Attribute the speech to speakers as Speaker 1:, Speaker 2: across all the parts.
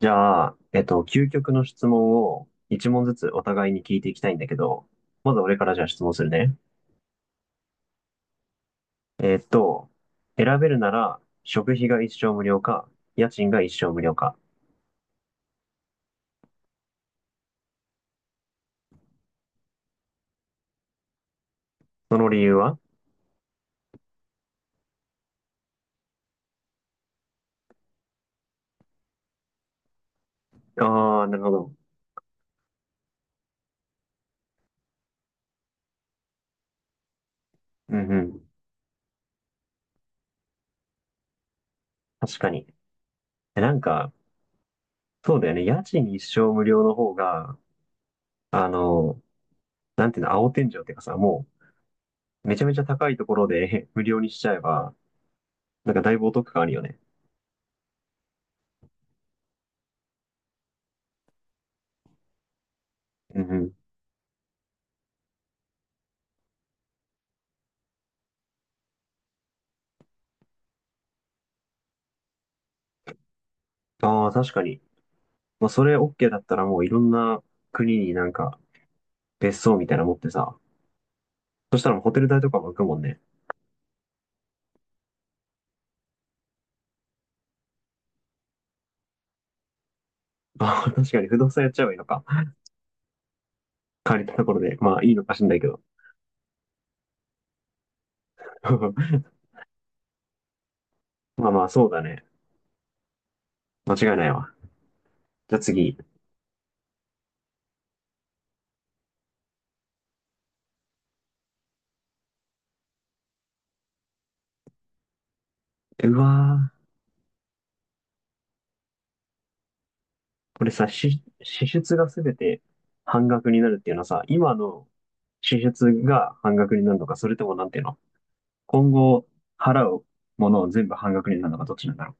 Speaker 1: じゃあ、究極の質問を一問ずつお互いに聞いていきたいんだけど、まず俺からじゃあ質問するね。えっと、選べるなら食費が一生無料か、家賃が一生無料か。その理由は？ああー、なるほど。うんうん。確かに。えなんか、そうだよね。家賃一生無料の方が、あの、なんていうの、青天井っていうかさ、もう、めちゃめちゃ高いところで 無料にしちゃえば、なんかだいぶお得感あるよね。うんうん。ああ、確かに。まあ、それ OK だったらもういろんな国になんか別荘みたいなの持ってさ、そしたらもうホテル代とかも浮くもんね。まあ確かに不動産やっちゃえばいいのか。借りたところで。まあいいのかしんないけど。まあまあそうだね。間違いないわ。じゃあ次。うわー。これさ、支出がすべて半額になるっていうのはさ、今の支出が半額になるのか、それともなんていうの、今後払うものを全部半額になるのか、どっちなんだろ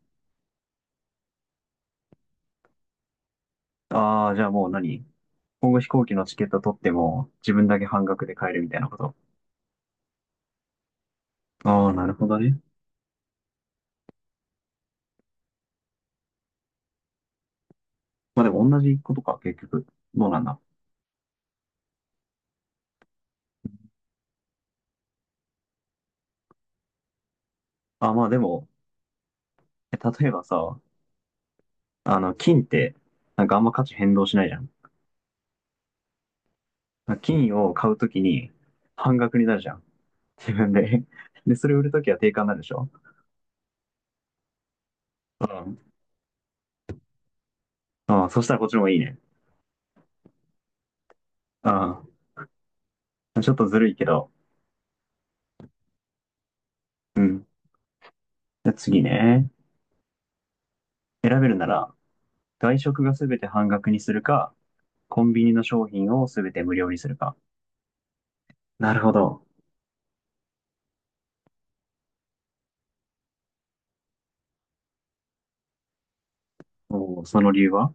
Speaker 1: う。ああ、じゃあもう今後飛行機のチケット取っても自分だけ半額で買えるみたいなこと。ああ、なるほどね。まあでも同じことか、結局。どうなんだ。あ、まあでも、例えばさ、金って、なんかあんま価値変動しないじゃん。金を買うときに半額になるじゃん。自分で。で、それ売るときは定価になるでしょ。うん。ああ、そしたらこっちの方がいいね。ああ、ちょっとずるいけど。うん。じゃあ次ね。選べるなら、外食がすべて半額にするか、コンビニの商品をすべて無料にするか。なるほど。おー、その理由は？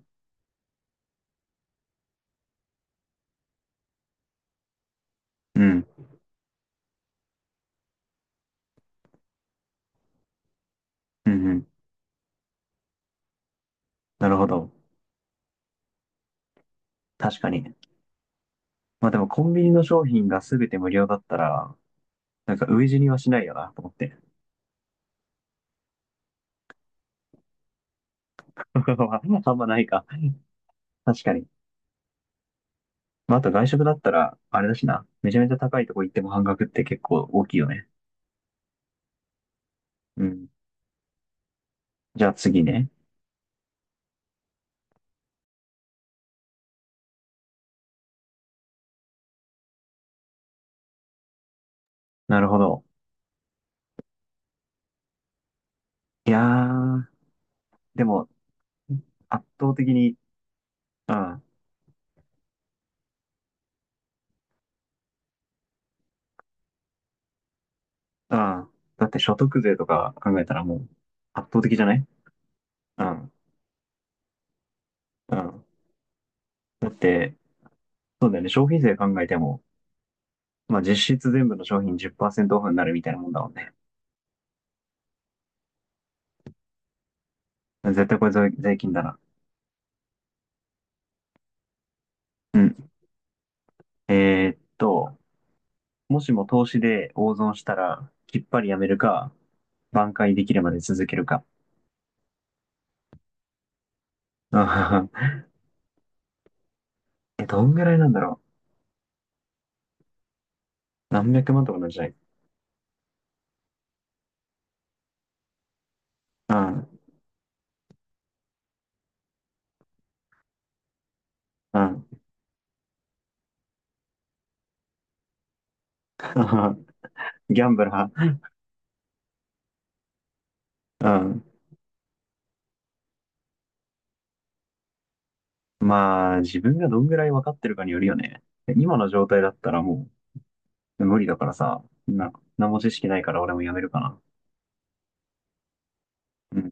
Speaker 1: うん。うんうん。なるほど。確かに。まあでもコンビニの商品が全て無料だったら、なんか飢え死にはしないよな、と思って。あんまないか。確かに。まああと外食だったら、あれだしな。めちゃめちゃ高いとこ行っても半額って結構大きいよね。うん。じゃあ次ね。なるほど。いやー、でも、圧倒的に、うん、うん。だって所得税とか考えたらもう、圧倒的じゃない？うん、うん。だって、そうだよね。消費税考えても、まあ実質全部の商品10%オフになるみたいなもんだもんね。絶対これ税金だな。うん。えーっと、もしも投資で大損したら、きっぱりやめるか、挽回できるまで続けるか。うん。 どんぐらいなんだろう。何百万とかなんじゃない？うんうん。 ギャンブラー。うん。まあ、自分がどんぐらい分かってるかによるよね。今の状態だったらもう無理だからさ、何も知識ないから俺もやめるかな。うん。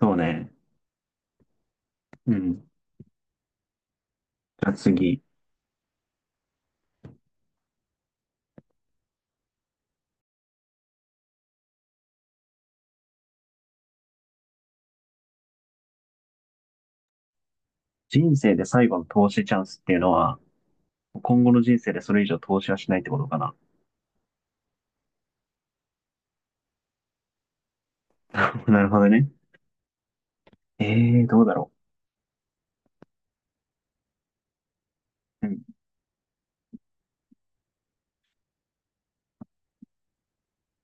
Speaker 1: そうね。うん。じゃあ次。人生で最後の投資チャンスっていうのは、今後の人生でそれ以上投資はしないってことかな。なるほどね。ええー、どうだろう。うん。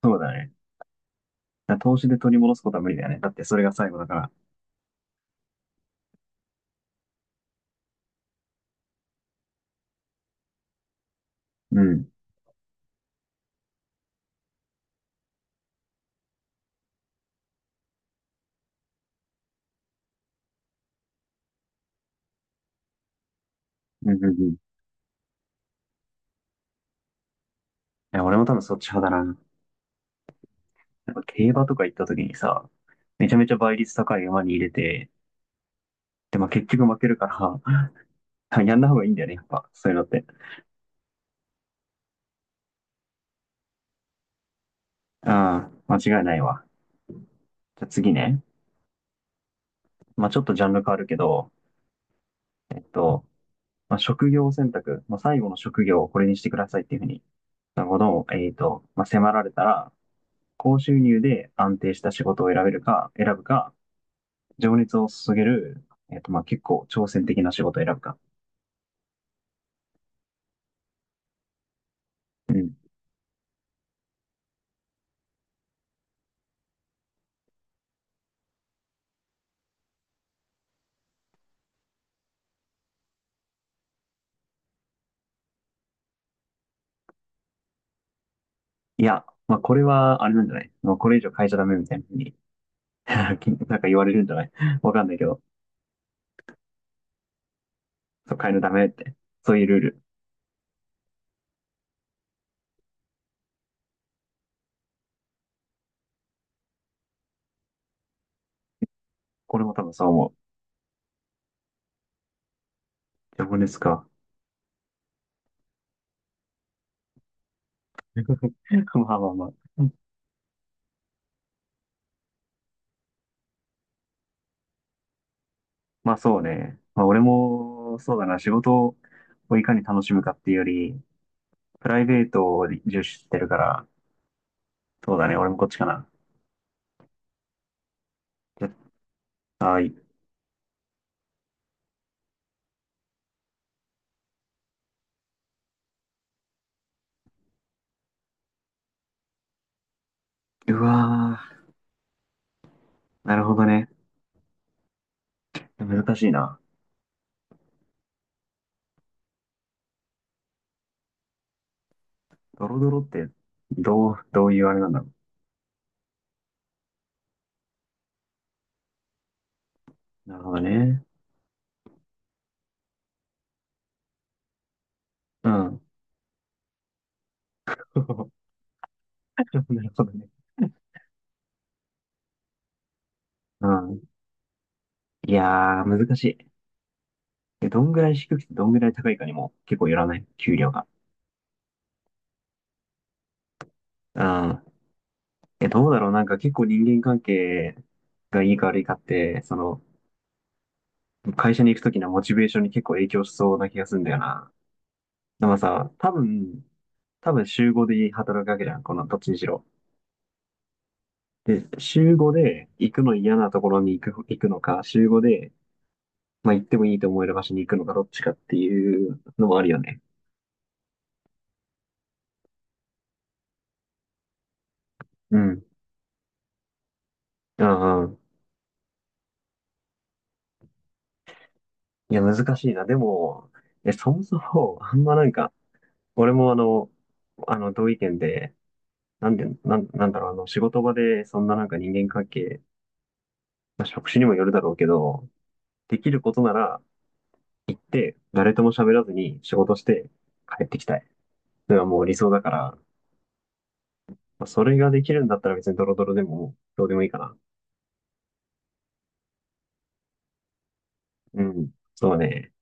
Speaker 1: そうだね。だから投資で取り戻すことは無理だよね。だってそれが最後だから。うん。うんうんうん。いや、俺も多分そっち派だな。やっぱ競馬とか行った時にさ、めちゃめちゃ倍率高い馬に入れて、で、まあ結局負けるから やんない方がいいんだよね、やっぱ。そういうのって。ああ、間違いないわ。じゃあ次ね。まあちょっとジャンル変わるけど、えっと、まあ、職業選択、まあ、最後の職業をこれにしてくださいっていうふうに、なるほど、まあ、迫られたら、高収入で安定した仕事を選ぶか、情熱を注げる、まあ、結構挑戦的な仕事を選ぶか。うん。いや、まあ、これは、あれなんじゃない？もうこれ以上変えちゃダメみたいなふうに なんか言われるんじゃない？わかんないけど、そう変えるのダメって。そういうルール。俺も多分そう思う。情熱か。まあまあまあ。まあそうね。まあ俺も、そうだな、仕事をいかに楽しむかっていうより、プライベートを重視してるから、そうだね、俺もこっちかな。じゃはい。うわー、なるほどね。難しいな。ドロドロって、どういうあれなんだろう。なるほどね。うん。なるほどね。うん。いやー、難しい。どんぐらい低くてどんぐらい高いかにも結構よらない？給料が。うん。どうだろう。なんか結構人間関係がいいか悪いかって、その、会社に行くときのモチベーションに結構影響しそうな気がするんだよな。でもさ、多分週5で働くわけじゃん、このどっちにしろ。で、週5で行くの嫌なところに行くのか、週5で、まあ、行ってもいいと思える場所に行くのか、どっちかっていうのもあるよね。うん。うんうん。いや、難しいな。でも、そもそも、あんまなんか、俺も同意見で、なんで、なんだろう、仕事場で、そんななんか人間関係、まあ、職種にもよるだろうけど、できることなら、で、誰とも喋らずに仕事して帰ってきたい。それはもう理想だから、まあそれができるんだったら別にドロドロでもどうでもいいかな。うん。そうね。